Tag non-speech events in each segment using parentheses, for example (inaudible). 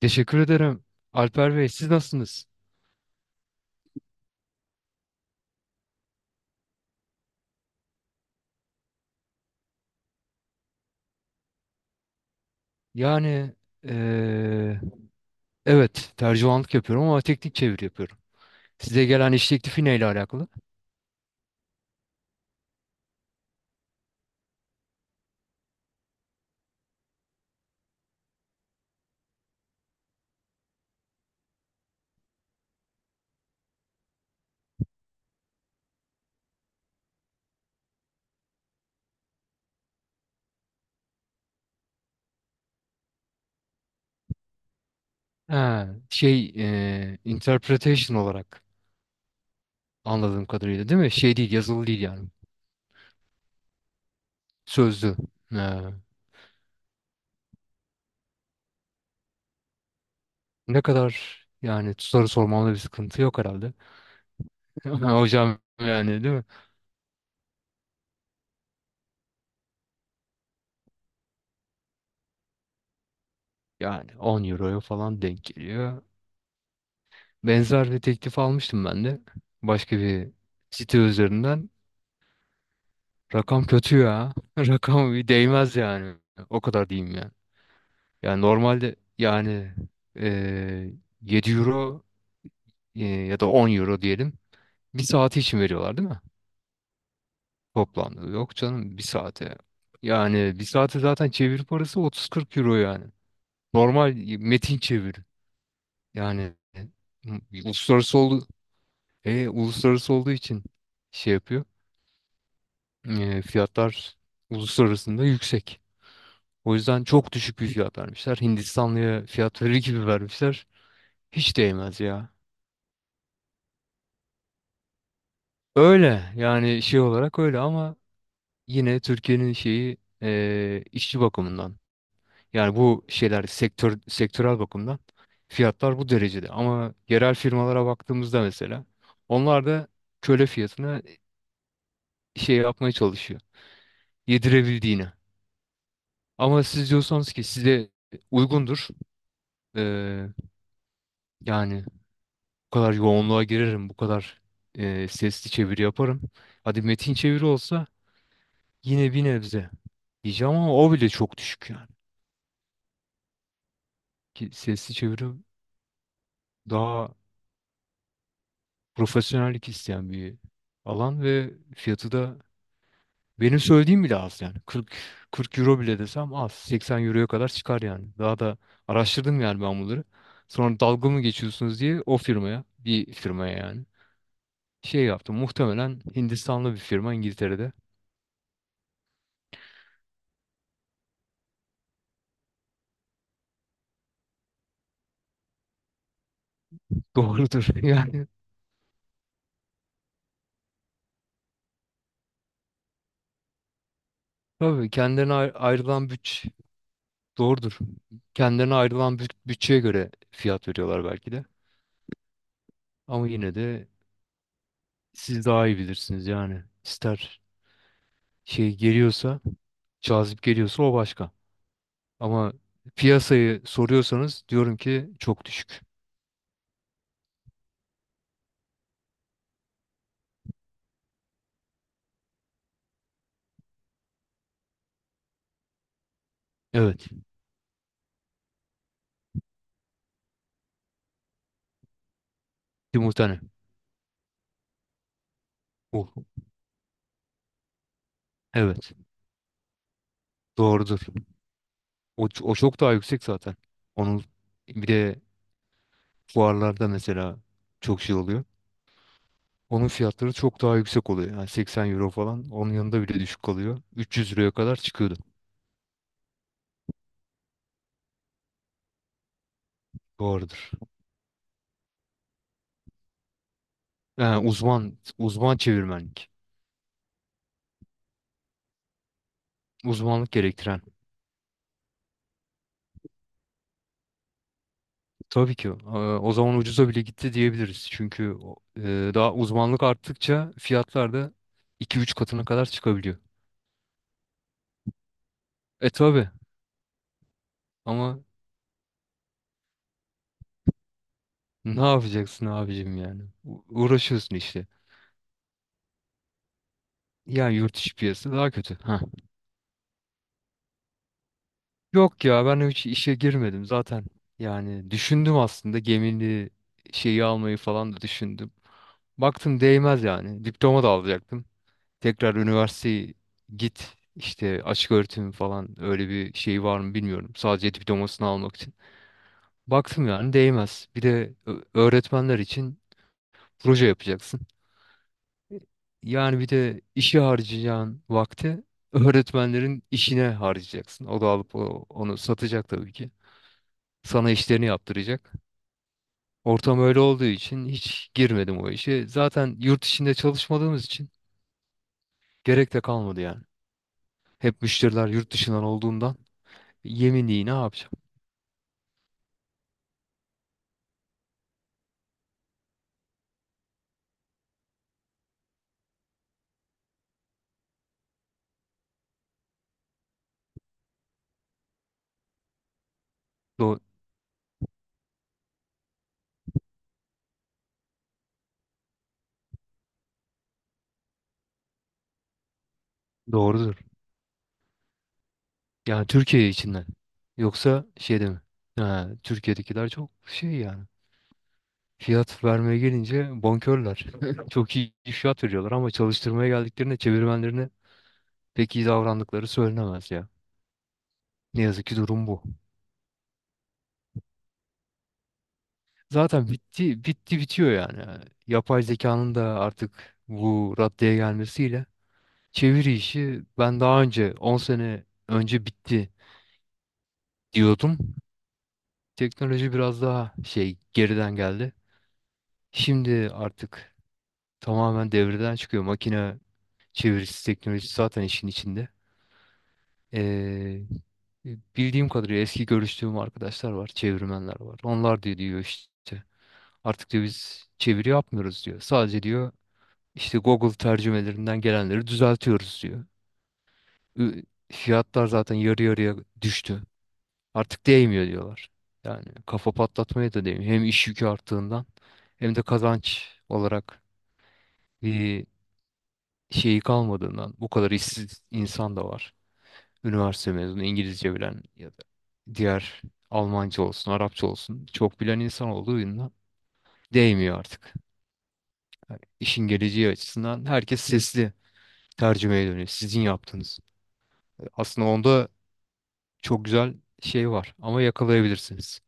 Teşekkür ederim. Alper Bey, siz nasılsınız? Yani eee, evet tercümanlık yapıyorum ama teknik çeviri yapıyorum. Size gelen iş teklifi neyle alakalı? Ha, şey interpretation olarak anladığım kadarıyla değil mi? Şey değil, yazılı değil yani. Sözlü. Ha, ne kadar yani soru sormamda bir sıkıntı yok herhalde. (laughs) Hocam, yani değil mi? Yani 10 euroya falan denk geliyor. Benzer bir teklif almıştım ben de. Başka bir site üzerinden. Rakam kötü ya. (laughs) Rakam bir değmez yani. O kadar diyeyim yani. Yani normalde yani eee 7 euro ya da 10 euro diyelim. Bir saati için veriyorlar değil mi? Toplamda. Yok canım, bir saate. Yani bir saate zaten çevir parası 30-40 euro yani. Normal metin çeviri. Yani uluslararası oldu, uluslararası olduğu için şey yapıyor. Fiyatlar uluslararasında yüksek. O yüzden çok düşük bir fiyat vermişler. Hindistanlıya fiyat verir gibi vermişler. Hiç değmez ya. Öyle yani, şey olarak öyle ama yine Türkiye'nin şeyi işçi bakımından yani bu şeyler sektörel bakımdan fiyatlar bu derecede. Ama yerel firmalara baktığımızda mesela onlar da köle fiyatına şey yapmaya çalışıyor. Yedirebildiğine. Ama siz diyorsanız ki size uygundur. eee, yani bu kadar yoğunluğa girerim, bu kadar sesli çeviri yaparım. Hadi metin çeviri olsa yine bir nebze diyeceğim ama o bile çok düşük yani. Ki sesli çeviri daha profesyonellik isteyen bir alan ve fiyatı da benim söylediğim bile az yani. 40 euro bile desem az. 80 euroya kadar çıkar yani. Daha da araştırdım yani ben bunları. Sonra dalga mı geçiyorsunuz diye o firmaya, bir firmaya yani şey yaptım. Muhtemelen Hindistanlı bir firma İngiltere'de. (laughs) Doğrudur yani. Tabii kendilerine ayrılan doğrudur. Kendilerine ayrılan bütçeye göre fiyat veriyorlar belki de. Ama yine de siz daha iyi bilirsiniz yani. İster şey geliyorsa, cazip geliyorsa o başka. Ama piyasayı soruyorsanız diyorum ki çok düşük. Evet. Simultane. O, evet. Doğrudur. O, çok daha yüksek zaten. Onun bir de fuarlarda mesela çok şey oluyor. Onun fiyatları çok daha yüksek oluyor. Yani 80 euro falan onun yanında bile düşük kalıyor. 300 euroya kadar çıkıyordu. Doğrudur. Yani uzman, uzman çevirmenlik. Uzmanlık gerektiren. Tabii ki. O zaman ucuza bile gitti diyebiliriz. Çünkü daha uzmanlık arttıkça fiyatlar da 2-3 katına kadar çıkabiliyor. E tabii ama ne yapacaksın abicim yani? Uğraşıyorsun işte. Yani yurt içi piyasası daha kötü. Heh. Yok ya, ben hiç işe girmedim zaten. Yani düşündüm aslında, gemini şeyi almayı falan da düşündüm. Baktım değmez yani. Diploma da alacaktım. Tekrar üniversiteye git işte, açık öğretim falan öyle bir şey var mı bilmiyorum. Sadece diplomasını almak için. Baktım yani değmez. Bir de öğretmenler için proje yapacaksın. Yani bir de işe harcayacağın vakti öğretmenlerin işine harcayacaksın. O da alıp onu satacak tabii ki. Sana işlerini yaptıracak. Ortam öyle olduğu için hiç girmedim o işe. Zaten yurt içinde çalışmadığımız için gerek de kalmadı yani. Hep müşteriler yurt dışından olduğundan yeminliği ne yapacağım? Do- Doğrudur. Yani Türkiye içinden. Yoksa şeyde mi? Ha, Türkiye'dekiler çok şey yani. Fiyat vermeye gelince bonkörler. (laughs) Çok iyi fiyat veriyorlar ama çalıştırmaya geldiklerinde çevirmenlerine pek iyi davrandıkları söylenemez ya. Ne yazık ki durum bu. Zaten bitti bitti bitiyor yani. Yapay zekanın da artık bu raddeye gelmesiyle çeviri işi ben daha önce 10 sene önce bitti diyordum. Teknoloji biraz daha şey geriden geldi. Şimdi artık tamamen devreden çıkıyor. Makine çevirisi teknolojisi zaten işin içinde. Ee, bildiğim kadarıyla eski görüştüğüm arkadaşlar var, çevirmenler var. Onlar diyor işte, artık diyor biz çeviri yapmıyoruz diyor. Sadece diyor İşte Google tercümelerinden gelenleri düzeltiyoruz diyor. Ü- Fiyatlar zaten yarı yarıya düştü. Artık değmiyor diyorlar. Yani kafa patlatmaya da değmiyor. Hem iş yükü arttığından hem de kazanç olarak bir şeyi kalmadığından bu kadar işsiz insan da var. Üniversite mezunu İngilizce bilen ya da diğer, Almanca olsun, Arapça olsun çok bilen insan olduğundan değmiyor artık. İşin geleceği açısından herkes sesli tercümeye dönüyor. Sizin yaptığınız. Aslında onda çok güzel şey var ama yakalayabilirsiniz.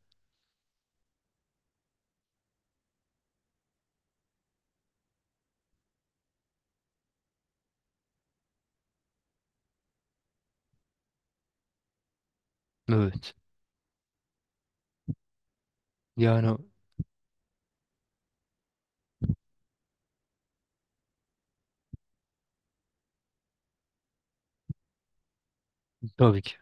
Evet. Yani tabii ki.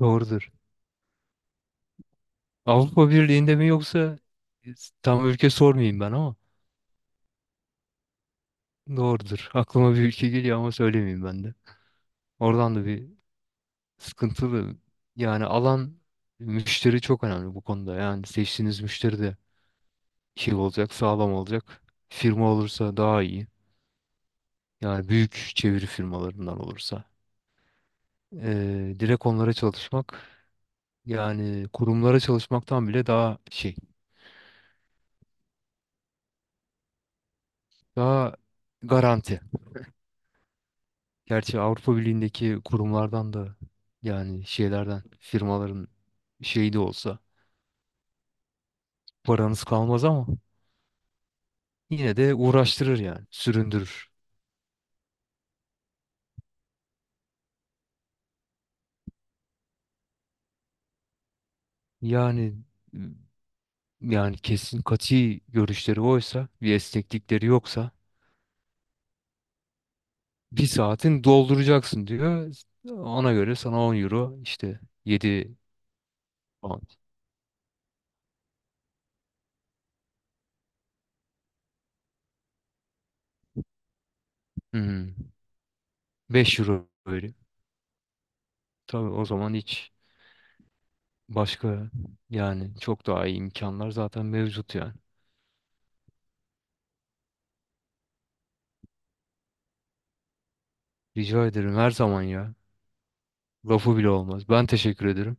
Doğrudur. Avrupa Birliği'nde mi yoksa, tam ülke sormayayım ben ama doğrudur. Aklıma bir ülke geliyor ama söylemeyeyim ben de. Oradan da bir sıkıntılı yani alan, müşteri çok önemli bu konuda. Yani seçtiğiniz müşteri de şey olacak, sağlam olacak. Firma olursa daha iyi. Yani büyük çeviri firmalarından olursa. Direkt onlara çalışmak yani kurumlara çalışmaktan bile daha şey, daha garanti. Gerçi Avrupa Birliği'ndeki kurumlardan da yani şeylerden, firmaların şeyi de olsa paranız kalmaz ama yine de uğraştırır yani, süründürür. Yani yani kesin kati görüşleri oysa, bir esneklikleri yoksa bir saatin dolduracaksın diyor. Ona göre sana 10 euro işte, 7 pound. Hmm, 5 euro böyle. Tabii o zaman hiç başka, yani çok daha iyi imkanlar zaten mevcut yani. Rica ederim her zaman ya. Lafı bile olmaz. Ben teşekkür ederim.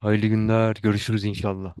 Hayırlı günler. Görüşürüz inşallah.